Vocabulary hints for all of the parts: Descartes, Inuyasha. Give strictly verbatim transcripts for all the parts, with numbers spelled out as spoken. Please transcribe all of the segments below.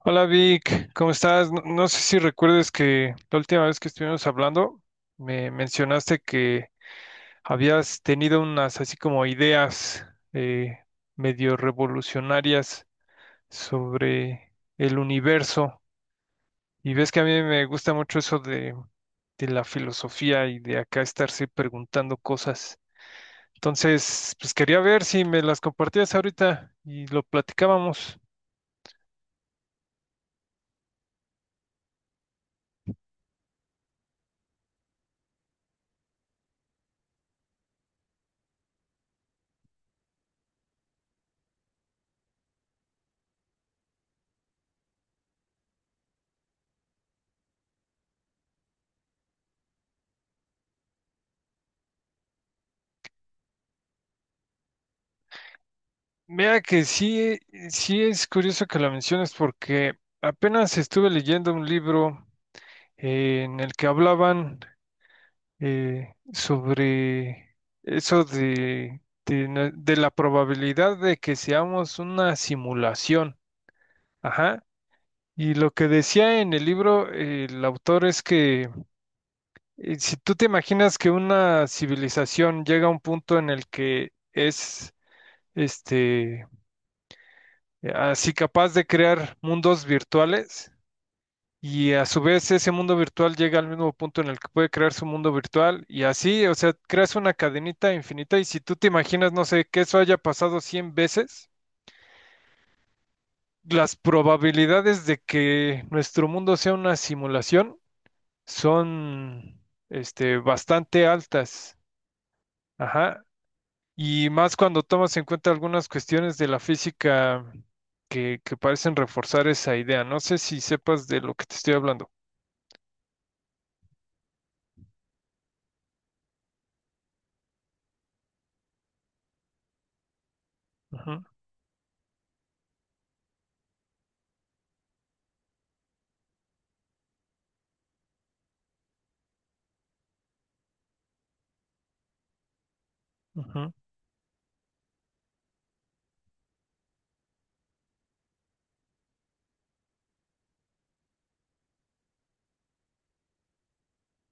Hola Vic, ¿cómo estás? No, no sé si recuerdes que la última vez que estuvimos hablando me mencionaste que habías tenido unas así como ideas eh, medio revolucionarias sobre el universo y ves que a mí me gusta mucho eso de, de la filosofía y de acá estarse preguntando cosas. Entonces, pues quería ver si me las compartías ahorita y lo platicábamos. Mira que sí, sí es curioso que la menciones porque apenas estuve leyendo un libro eh, en el que hablaban eh, sobre eso de, de nue- de la probabilidad de que seamos una simulación. Ajá. Y lo que decía en el libro eh, el autor es que eh, si tú te imaginas que una civilización llega a un punto en el que es este así capaz de crear mundos virtuales y a su vez ese mundo virtual llega al mismo punto en el que puede crear su mundo virtual y así, o sea, creas una cadenita infinita y si tú te imaginas, no sé, que eso haya pasado cien veces, las probabilidades de que nuestro mundo sea una simulación son, este, bastante altas. Ajá. Y más cuando tomas en cuenta algunas cuestiones de la física que, que parecen reforzar esa idea. No sé si sepas de lo que te estoy hablando. Ujú, ujú.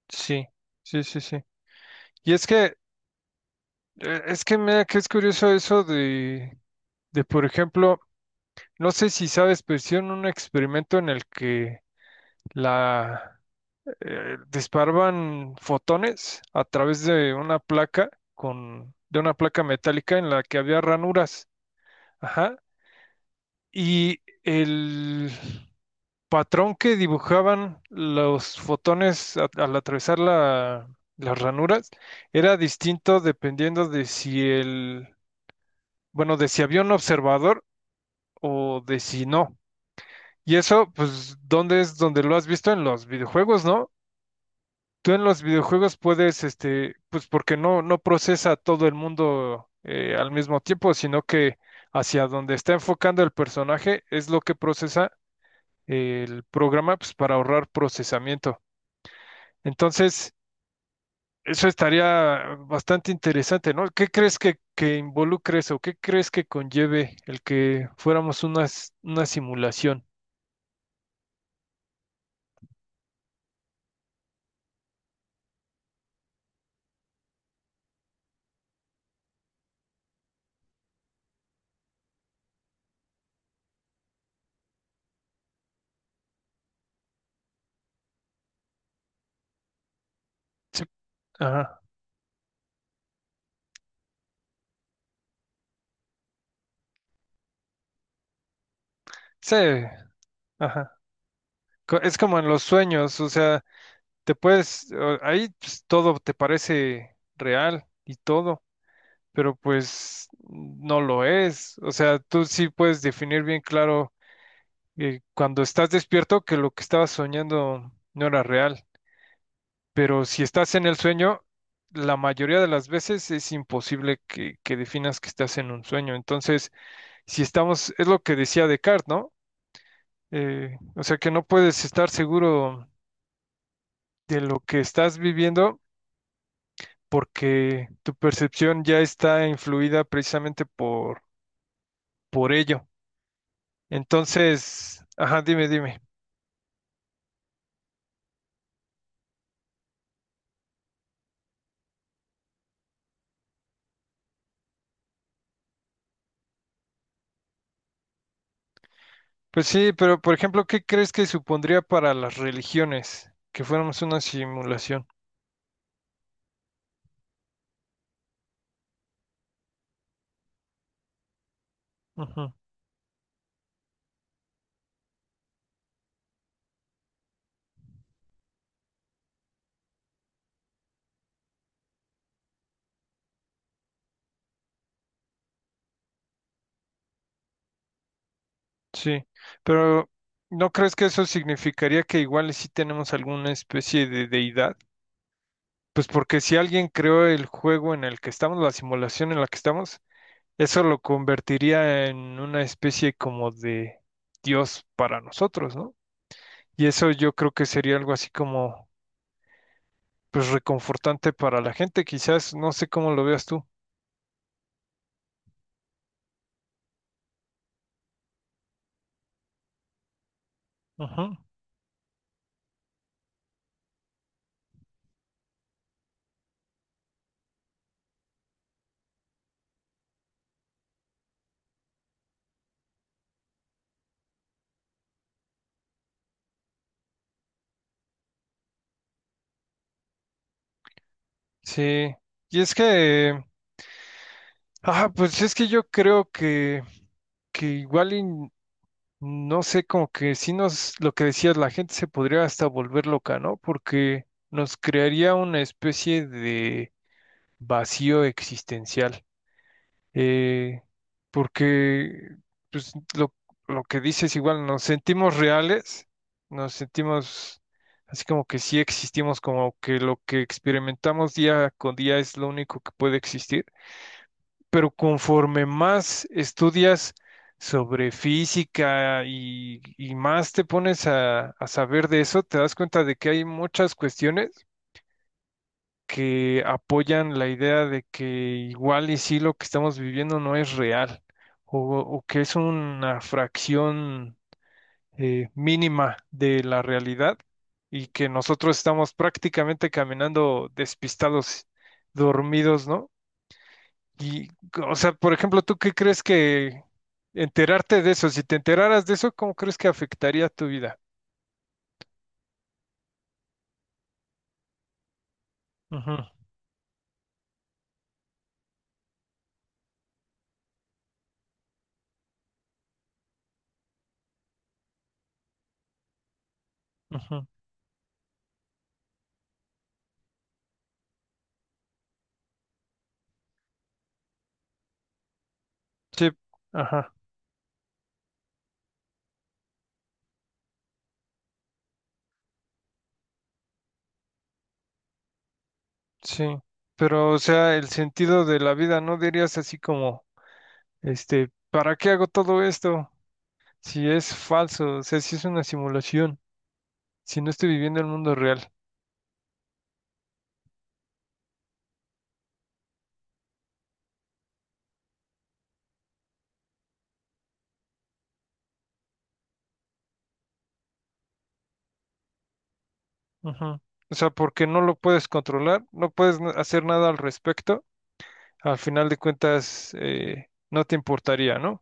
Sí, sí, sí, sí. Y es que, eh, es que mira que es curioso eso de, de, por ejemplo, no sé si sabes, pero hicieron un experimento en el que la eh, disparaban fotones a través de una placa con, de una placa metálica en la que había ranuras. Ajá. Y el patrón que dibujaban los fotones a- al atravesar la- las ranuras era distinto dependiendo de si el, bueno, de si había un observador o de si no. Y eso, pues, ¿dónde es donde lo has visto en los videojuegos, no? Tú en los videojuegos puedes, este, pues porque no, no procesa todo el mundo eh, al mismo tiempo, sino que hacia donde está enfocando el personaje es lo que procesa el programa pues, para ahorrar procesamiento. Entonces, eso estaría bastante interesante, ¿no? ¿Qué crees que, que involucre eso? ¿Qué crees que conlleve el que fuéramos una, s- una simulación? Sí, ajá. Sí, ajá. Co- Es como en los sueños, o sea, te puedes, o- ahí pues, todo te parece real y todo, pero pues no lo es. O sea, tú sí puedes definir bien claro eh, cuando estás despierto que lo que estabas soñando no era real. Pero si estás en el sueño, la mayoría de las veces es imposible que, que definas que estás en un sueño. Entonces, si estamos, es lo que decía Descartes, ¿no? Eh, o sea que no puedes estar seguro de lo que estás viviendo porque tu percepción ya está influida precisamente por, por ello. Entonces, ajá, dime, dime. Pues sí, pero por ejemplo, ¿qué crees que supondría para las religiones que fuéramos una simulación? Ujú, sí, pero ¿no crees que eso significaría que igual sí tenemos alguna especie de deidad? Pues porque si alguien creó el juego en el que estamos, la simulación en la que estamos, eso lo convertiría en una especie como de Dios para nosotros, ¿no? Y eso yo creo que sería algo así como, pues reconfortante para la gente, quizás, no sé cómo lo veas tú. Ujú. Sí, y es que, ah, pues es que yo creo que, que igual y n- no sé, como que si nos, lo que decías, la gente se podría hasta volver loca, ¿no? Porque nos crearía una especie de vacío existencial. eh, Porque, pues, lo, lo que dices igual, nos sentimos reales, nos sentimos así como que sí existimos, como que lo que experimentamos día con día es lo único que puede existir. Pero conforme más estudias sobre física y, y más te pones a, a saber de eso, te das cuenta de que hay muchas cuestiones que apoyan la idea de que igual y sí lo que estamos viviendo no es real o, o que es una fracción eh, mínima de la realidad y que nosotros estamos prácticamente caminando despistados, dormidos, ¿no? Y, o sea, por ejemplo, ¿tú qué crees que enterarte de eso, si te enteraras de eso, ¿cómo crees que afectaría tu vida? Ujú, ujú. Sí, ajá, sí. Pero, o sea, el sentido de la vida, ¿no dirías así como, este, ¿para qué hago todo esto? Si es falso, o sea, si es una simulación, si no estoy viviendo el mundo real. Ujú. O sea, porque no lo puedes controlar, no puedes na- hacer nada al respecto, al final de cuentas, eh, no te importaría, ¿no?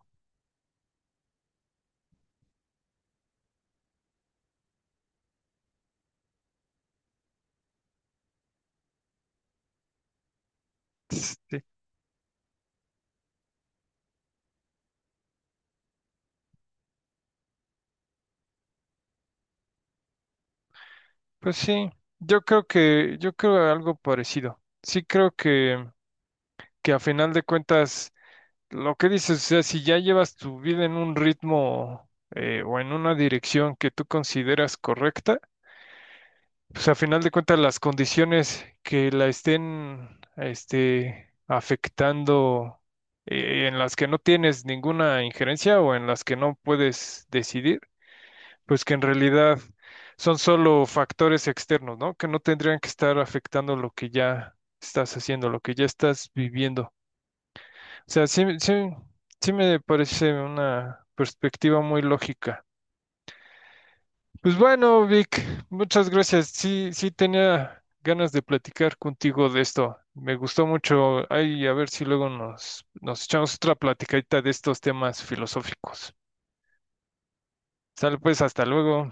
Pues sí, yo creo que, yo creo algo parecido. Sí creo que, que a final de cuentas, lo que dices, o sea, si ya llevas tu vida en un ritmo eh, o en una dirección que tú consideras correcta, pues a final de cuentas las condiciones que la estén, este, afectando, eh, en las que no tienes ninguna injerencia o en las que no puedes decidir pues que en realidad son solo factores externos, ¿no? Que no tendrían que estar afectando lo que ya estás haciendo, lo que ya estás viviendo. O sea, sí, sí, sí me parece una perspectiva muy lógica. Pues bueno, Vic, muchas gracias. Sí, sí tenía ganas de platicar contigo de esto. Me gustó mucho. Ay, a ver si luego nos, nos echamos otra platicadita de estos temas filosóficos. Sale pues, hasta luego.